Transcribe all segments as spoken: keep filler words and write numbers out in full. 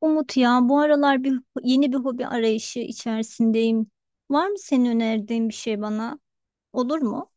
Umut ya bu aralar bir yeni bir hobi arayışı içerisindeyim. Var mı senin önerdiğin bir şey bana? Olur mu?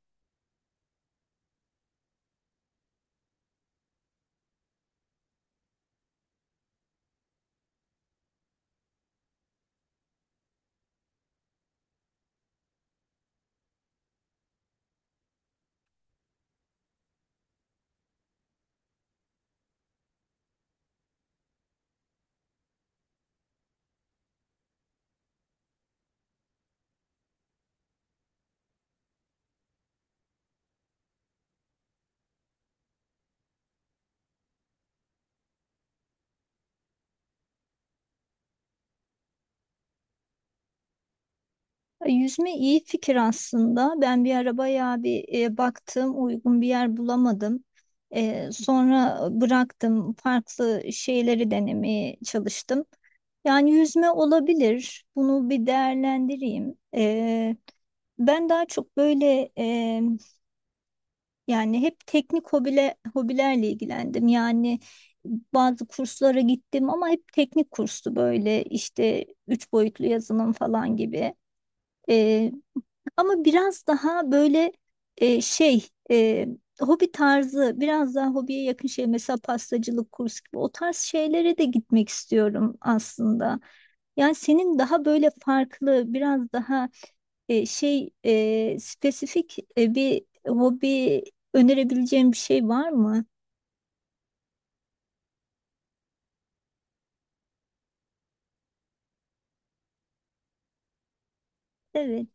E, Yüzme iyi fikir aslında. Ben bir ara bayağı bir e, baktım, uygun bir yer bulamadım. E, sonra bıraktım, farklı şeyleri denemeye çalıştım. Yani yüzme olabilir. Bunu bir değerlendireyim. E, ben daha çok böyle, e, yani hep teknik hobile, hobilerle ilgilendim. Yani bazı kurslara gittim ama hep teknik kurstu, böyle işte üç boyutlu yazılım falan gibi. Ee, Ama biraz daha böyle, e, şey e, hobi tarzı, biraz daha hobiye yakın şey, mesela pastacılık kursu gibi o tarz şeylere de gitmek istiyorum aslında. Yani senin daha böyle farklı, biraz daha e, şey e, spesifik, e, bir hobi önerebileceğin bir şey var mı? Evet.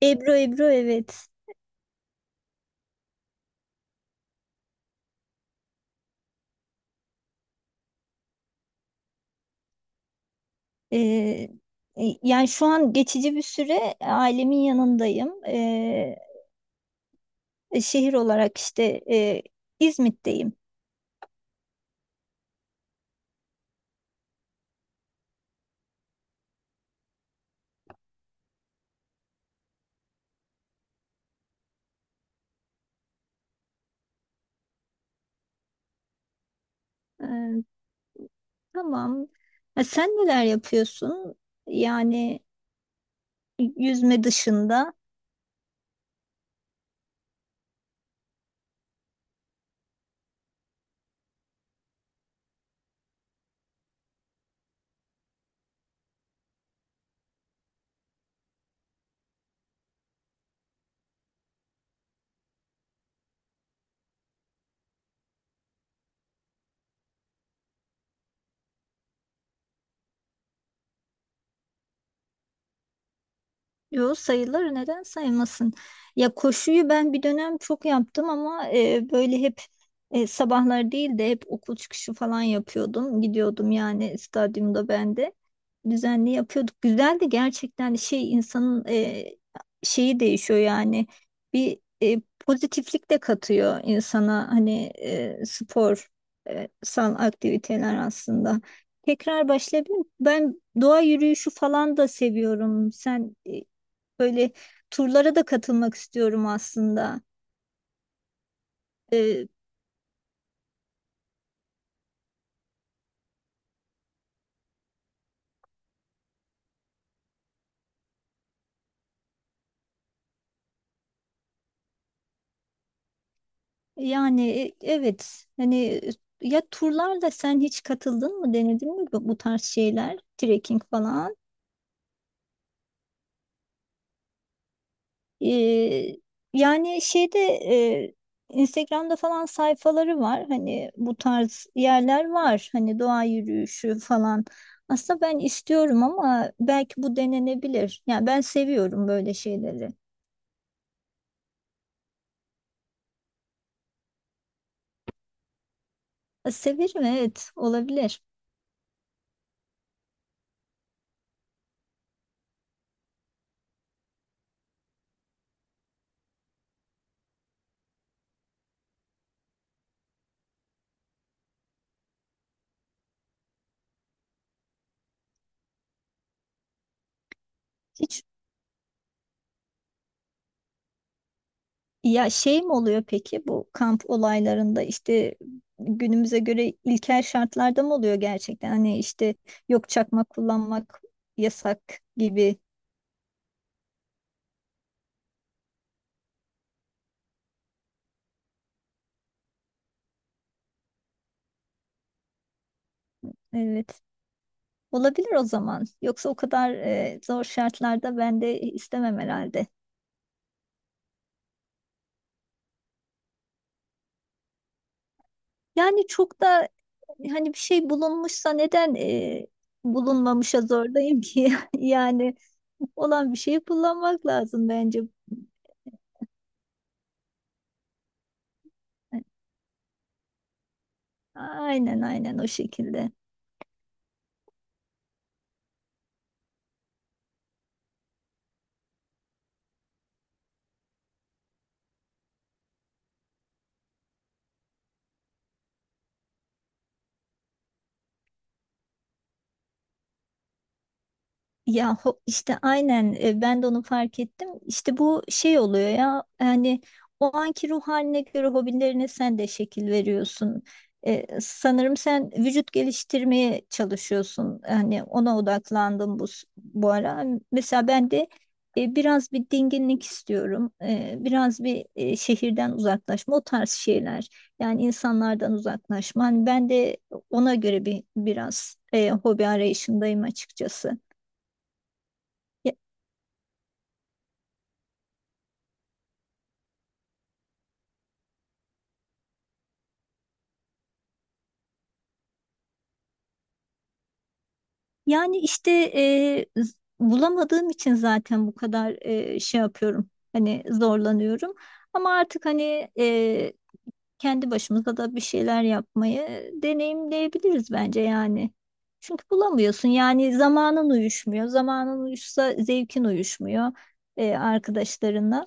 Ebru, Ebru, evet. E, e, Yani şu an geçici bir süre ailemin yanındayım. E, şehir olarak işte e, İzmit'teyim. E, tamam. Ha, sen neler yapıyorsun? Yani yüzme dışında. Yo, sayılır, neden sayılmasın? Ya, koşuyu ben bir dönem çok yaptım ama e, böyle hep, e, sabahlar değil de hep okul çıkışı falan yapıyordum. Gidiyordum, yani stadyumda ben de. Düzenli yapıyorduk. Güzeldi gerçekten, şey, insanın e, şeyi değişiyor yani. Bir e, pozitiflik de katıyor insana, hani e, spor e, sal aktiviteler aslında. Tekrar başlayabilirim. Ben doğa yürüyüşü falan da seviyorum. Sen e, Böyle turlara da katılmak istiyorum aslında. Ee, Yani, e- evet, hani, e, ya turlarla sen hiç katıldın mı, denedin mi bu, bu tarz şeyler, trekking falan. Ee, Yani şeyde e, Instagram'da falan sayfaları var, hani bu tarz yerler var, hani doğa yürüyüşü falan. Aslında ben istiyorum ama belki bu denenebilir. Yani ben seviyorum böyle şeyleri. E, Severim, evet, olabilir. Hiç Ya, şey mi oluyor peki bu kamp olaylarında, işte günümüze göre ilkel şartlarda mı oluyor gerçekten? Hani işte yok, çakma kullanmak yasak gibi. Evet. Olabilir o zaman. Yoksa o kadar e, zor şartlarda ben de istemem herhalde. Yani çok da, hani bir şey bulunmuşsa, neden e, bulunmamışa zorlayayım ki? Yani olan bir şeyi kullanmak lazım bence. Aynen, aynen, o şekilde. Ya, ho- işte aynen, e, ben de onu fark ettim. İşte bu şey oluyor ya, yani o anki ruh haline göre hobilerine sen de şekil veriyorsun. E, sanırım sen vücut geliştirmeye çalışıyorsun. Hani ona odaklandım bu s- bu ara. Mesela ben de e, biraz bir dinginlik istiyorum. E, biraz bir e, şehirden uzaklaşma, o tarz şeyler. Yani insanlardan uzaklaşma. Hani ben de ona göre bir biraz e, hobi arayışındayım açıkçası. Yani işte e, z- bulamadığım için zaten bu kadar e, şey yapıyorum. Hani zorlanıyorum. Ama artık hani kendi başımıza da bir şeyler yapmayı deneyimleyebiliriz bence yani. Çünkü bulamıyorsun, yani zamanın uyuşmuyor. Zamanın uyuşsa zevkin uyuşmuyor e, arkadaşlarınla.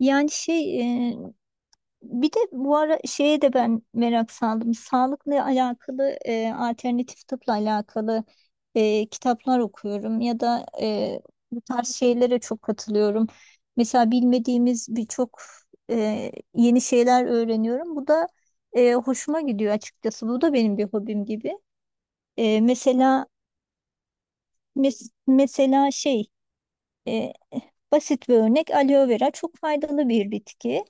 Yani şey e, Bir de bu ara şeye de ben merak saldım. Sağlıkla alakalı, e, alternatif tıpla alakalı e, kitaplar okuyorum ya da e, bu tarz şeylere çok katılıyorum. Mesela bilmediğimiz birçok e, yeni şeyler öğreniyorum. Bu da e, hoşuma gidiyor açıkçası. Bu da benim bir hobim gibi. E, mesela, mes- mesela, şey e, basit bir örnek: aloe vera çok faydalı bir bitki.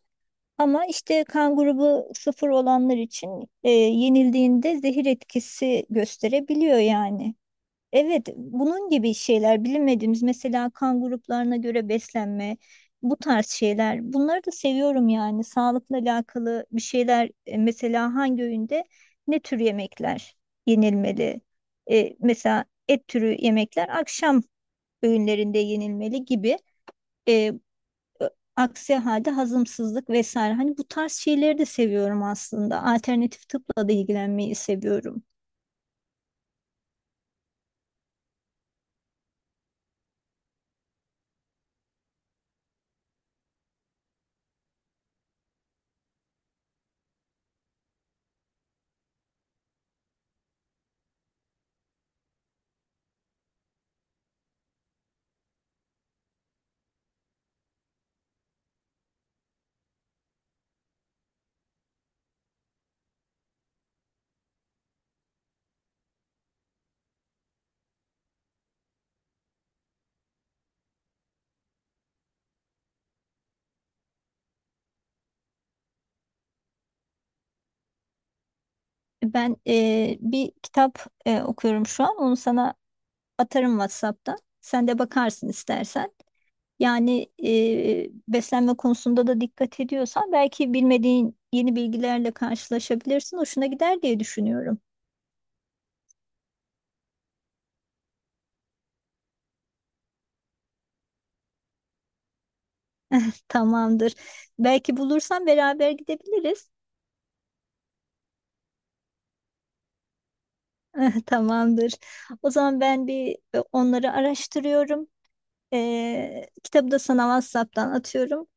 Ama işte kan grubu sıfır olanlar için e, yenildiğinde zehir etkisi gösterebiliyor yani. Evet, bunun gibi şeyler bilinmediğimiz, mesela kan gruplarına göre beslenme, bu tarz şeyler. Bunları da seviyorum, yani sağlıkla alakalı bir şeyler, e, mesela hangi öğünde ne tür yemekler yenilmeli? E, mesela et türü yemekler akşam öğünlerinde yenilmeli gibi. E, Aksi halde hazımsızlık vesaire. Hani bu tarz şeyleri de seviyorum aslında. Alternatif tıpla da ilgilenmeyi seviyorum. Ben e, bir kitap e, okuyorum şu an. Onu sana atarım WhatsApp'tan. Sen de bakarsın istersen. Yani e, beslenme konusunda da dikkat ediyorsan belki bilmediğin yeni bilgilerle karşılaşabilirsin. Hoşuna gider diye düşünüyorum. Tamamdır. Belki bulursan beraber gidebiliriz. Tamamdır. O zaman ben bir e, onları araştırıyorum. Ee, kitabı da sana WhatsApp'tan atıyorum.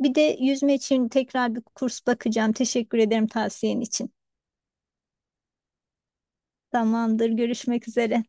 Bir de yüzme için tekrar bir kurs bakacağım. Teşekkür ederim tavsiyen için. Tamamdır, görüşmek üzere.